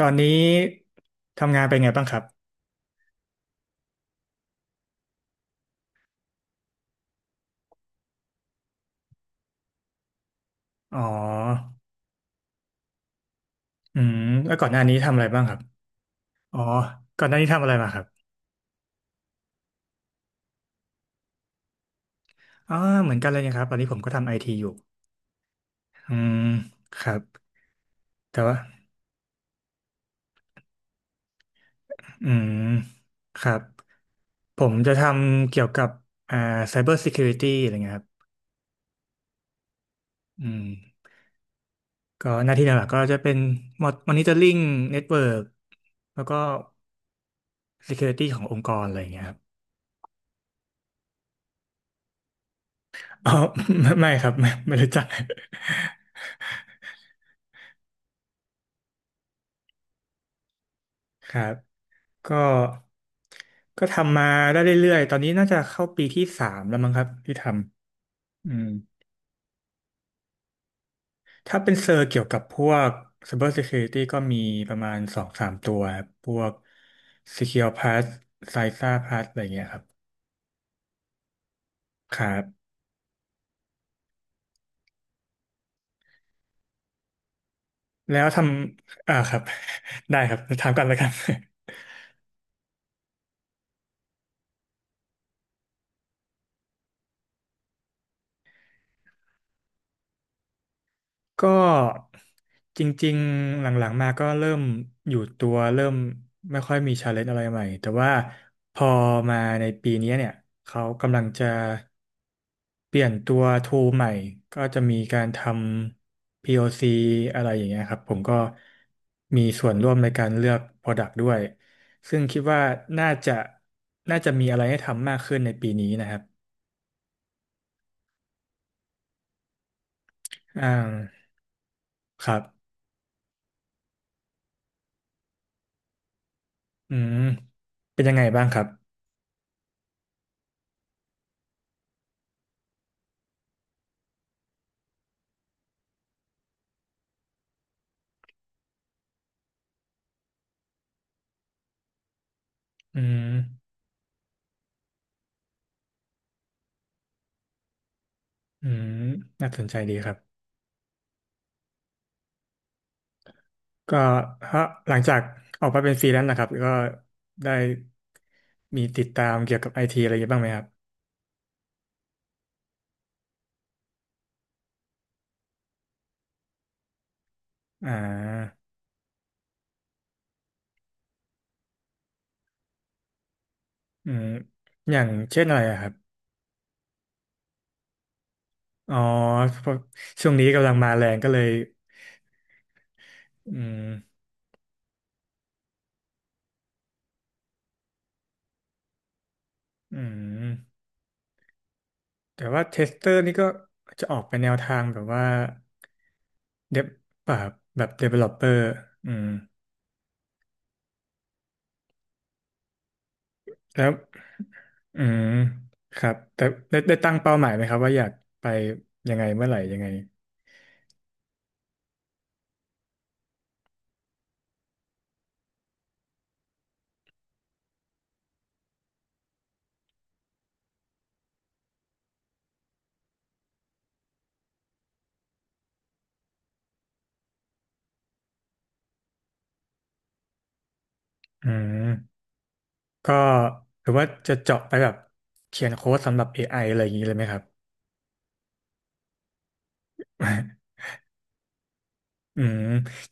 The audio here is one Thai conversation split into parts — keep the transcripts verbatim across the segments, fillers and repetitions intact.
ตอนนี้ทำงานเป็นไงบ้างครับอ๋ออืมแล้วก่อนหน้านี้ทำอะไรบ้างครับอ๋อก่อนหน้านี้ทำอะไรมาครับอ๋อเหมือนกันเลยนะครับตอนนี้ผมก็ทำไอทีอยู่อืมครับแต่ว่าอืมครับผมจะทำเกี่ยวกับอ่า Cyber Security อะไรเงี้ยครับอืมก็หน้าที่หลักๆก็จะเป็น Monitoring Network แล้วก็ Security ขององค์กรอะไรอย่างเงี้ยครับอ๋อ ไม่ไม่ครับไม่ไม่รู้จัก ครับก็ก็ทำมาได้เรื่อยๆตอนนี้น่าจะเข้าปีที่สามแล้วมั้งครับที่ทำอืมถ้าเป็นเซอร์เกี่ยวกับพวก Cyber Security ก็มีประมาณสองสามตัวครับพวก Secure Pass Cysa Pass อะไรเงี้ยครับครับแล้วทำอ่าครับ ได้ครับถามกันเลยครับ ก็จริงๆหลังๆมาก็เริ่มอยู่ตัวเริ่มไม่ค่อยมีชาเลนจ์อะไรใหม่แต่ว่าพอมาในปีนี้เนี่ยเขากำลังจะเปลี่ยนตัวทูใหม่ก็จะมีการทำ พี โอ ซี อซีอะไรอย่างเงี้ยครับผมก็มีส่วนร่วมในการเลือก Product ด้วยซึ่งคิดว่าน่าจะน่าจะมีอะไรให้ทำมากขึ้นในปีนี้นะครับอ่าครับอืมเป็นยังไงบ้างครับอืม อืมน่าสนใจดีครับก็ถ้าหลังจากออกมาเป็นฟรีแลนซ์นะครับ ก็ได้มีติดตามเกี่ยวกับไอทีอะไรเยอะบ้างไหมครับอ่าอืมอย่างเช่นอะไรอะครับ อ๋อเพราะช่วงนี้กำลังมาแรงก็เลยอืมอืมแต่ว่าเทสเตอร์นี่ก็จะออกไปแนวทางแบบว่าเดบแบบแบบ developer อืมแล้วอืมครับแต่ได้ได้ตั้งเป้าหมายไหมครับว่าอยากไปยังไงเมื่อไหร่ยังไง อืมก็หรือว่าจะเจาะไปแบบเขียนโค้ดสำหรับ เอ ไอ อไออะไรอย่างนี้เลยไหมครับ อืม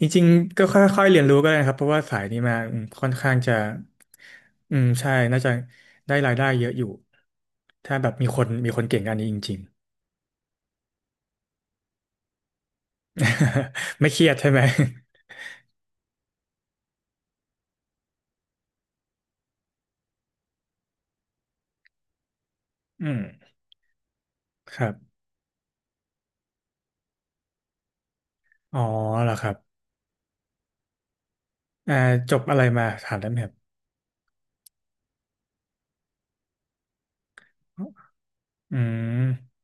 จริงๆก็ค่อยๆเรียนรู้ก็ได้นะครับเพราะว่าสายนี้มาอืมค่อนข้างจะอืมใช่น่าจะได้รายได้เยอะอยู่ถ้าแบบมีคนมีคนเก่งอันนี้จริงๆ ไม่เครียดใช่ไหม อืมครับอ๋อเหรอครับอ่าจบอะไรมาถามได้ไหมครับอืม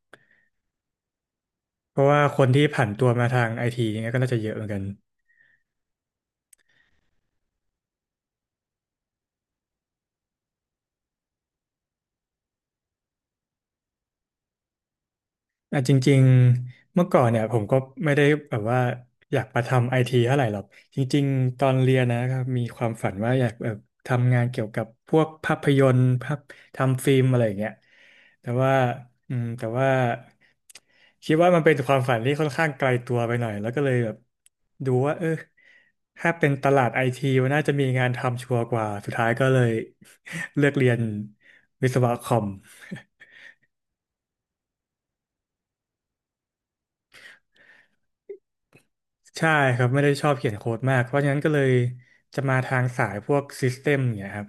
เพราะว่าคนที่ผ่านตัวมาทางไอทีเนี่ยก็น่าจะเยอะเหมือนกัน อ่ะจริงๆเมื่อก่อนเนี่ยผมก็ไม่ได้แบบว่าอยากมาทำไอทีเท่าไหร่หรอกจริงๆตอนเรียนนะครับมีความฝันว่าอยากแบบทำงานเกี่ยวกับพวกภาพยนตร์ภาพทำฟิล์มอะไรอย่างเงี้ยแต่ว่าอืมแต่ว่าคิดว่ามันเป็นความฝันที่ค่อนข้างไกลตัวไปหน่อยแล้วก็เลยแบบดูว่าเออถ้าเป็นตลาดไอทีมันน่าจะมีงานทำชัวร์กว่าสุดท้ายก็เลย เลือกเรียนวิศวะคอม ใช่ครับไม่ได้ชอบเขียนโค้ดมากเพราะฉะนั้นก็เลยจะมาทางสายพวกซิสเต็มเนี่ยครับ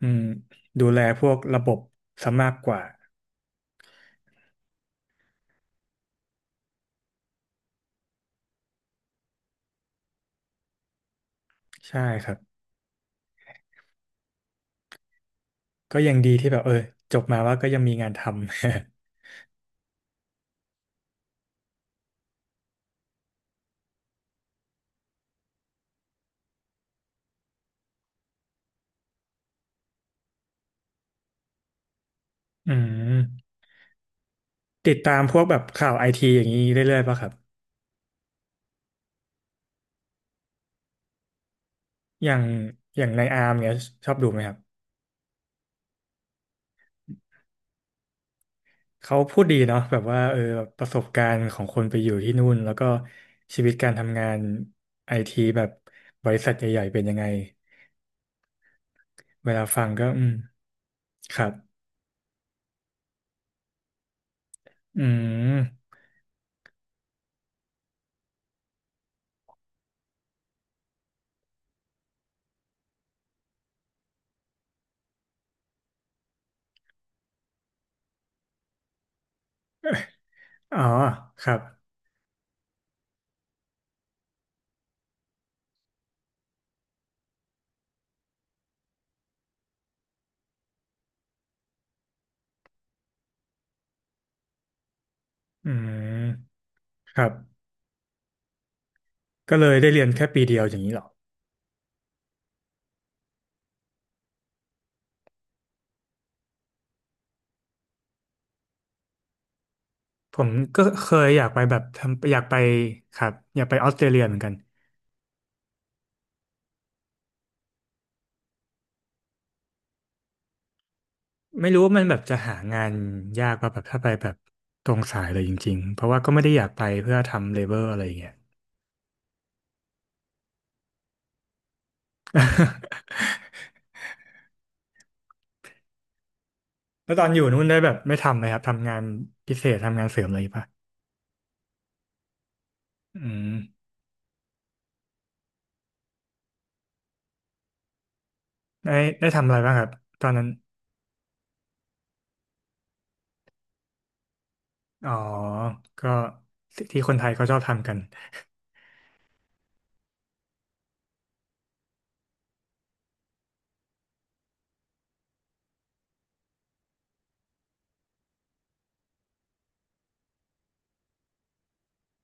อืมดูแลพวกระบบซะมากกว่าใช่ครับก็ยังดีที่แบบเออจบมาว่าก็ยังมีงานทำ อืมติดตามพวกแบบข่าวไอทีอย่างนี้เรื่อยๆป่ะครับอย่างอย่างในอาร์มเนี่ยชอบดูไหมครับเขาพูดดีเนาะแบบว่าเออประสบการณ์ของคนไปอยู่ที่นู่นแล้วก็ชีวิตการทำงานไอทีแบบบริษัทใหญ่ๆเป็นยังไง เวลาฟังก็อืมครับอืมอ๋อครับ อืม ครับ ก็เลยได้เรียนแค่ปีเดียวอย่างนี้เหรอผมก็เคยอยากไปแบบทำอยากไปครับอยากไปออสเตรเลียเหมือนกัน ไม่รู้ว่ามันแบบจะหางานยากป่ะแบบถ้าไปแบบตรงสายเลยจริงๆ เพราะว่าก็ไม่ได้อยากไปเพื่อทำเลเบอร์อะไรอย่างเงี้ย แล้วตอนอยู่นู่นได้แบบไม่ทำไหมครับทำงานพิเศษทำงานเสริมอะไรป่ะอืมได้ได้ทำอะไรบ้างครับ ตอนนั้น อ๋อก็ที่คนไทยเขาชอบทำกัน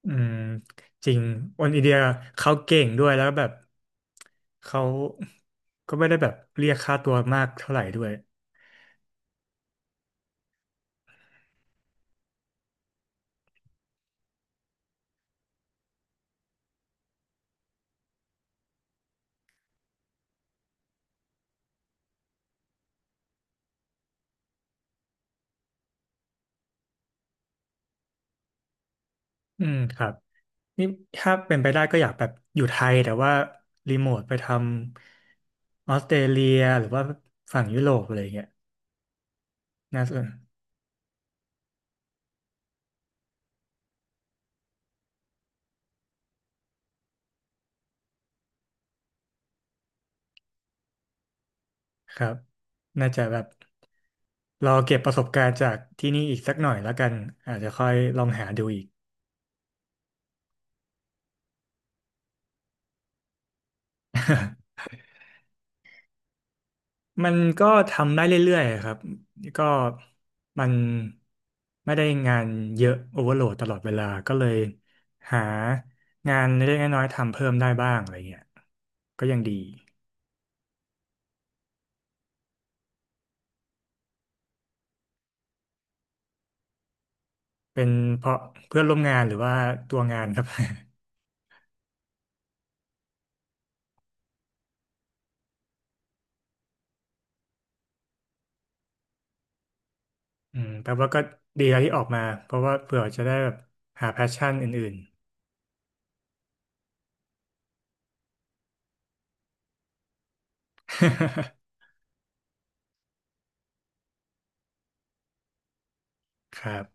อืมจริงโอนอินเดียเขาเก่งด้วย แล้วแบบเขาก็ไม่ได้แบบเรียกค่าตัวมากเท่าไหร่ด้วยอืมครับนี่ถ้าเป็นไปได้ก็อยากแบบอยู่ไทยแต่ว่ารีโมทไปทำออสเตรเลียหรือว่าฝั่งยุโรปอะไรอย่างเงี้ยน่าสนครับน่าจะแบบรอเก็บประสบการณ์จากที่นี่อีกสักหน่อยแล้วกัน อาจจะค่อยลองหาดูอีก มันก็ทำได้เรื่อยๆครับก็มันไม่ได้งานเยอะโอเวอร์โหลดตลอดเวลาก็เลยหางานเล็กๆน้อยๆทำเพิ่มได้บ้างอะไรเงี้ยก็ยังดีเป็นเพราะเพื่อนร่วมงานหรือว่าตัวงานครับ อืมแปลว่าก็ดีแล้วที่ออกมาเพราะว่าเผื่อจะได้แบบหาแพชชั่นอื่นๆ ครับ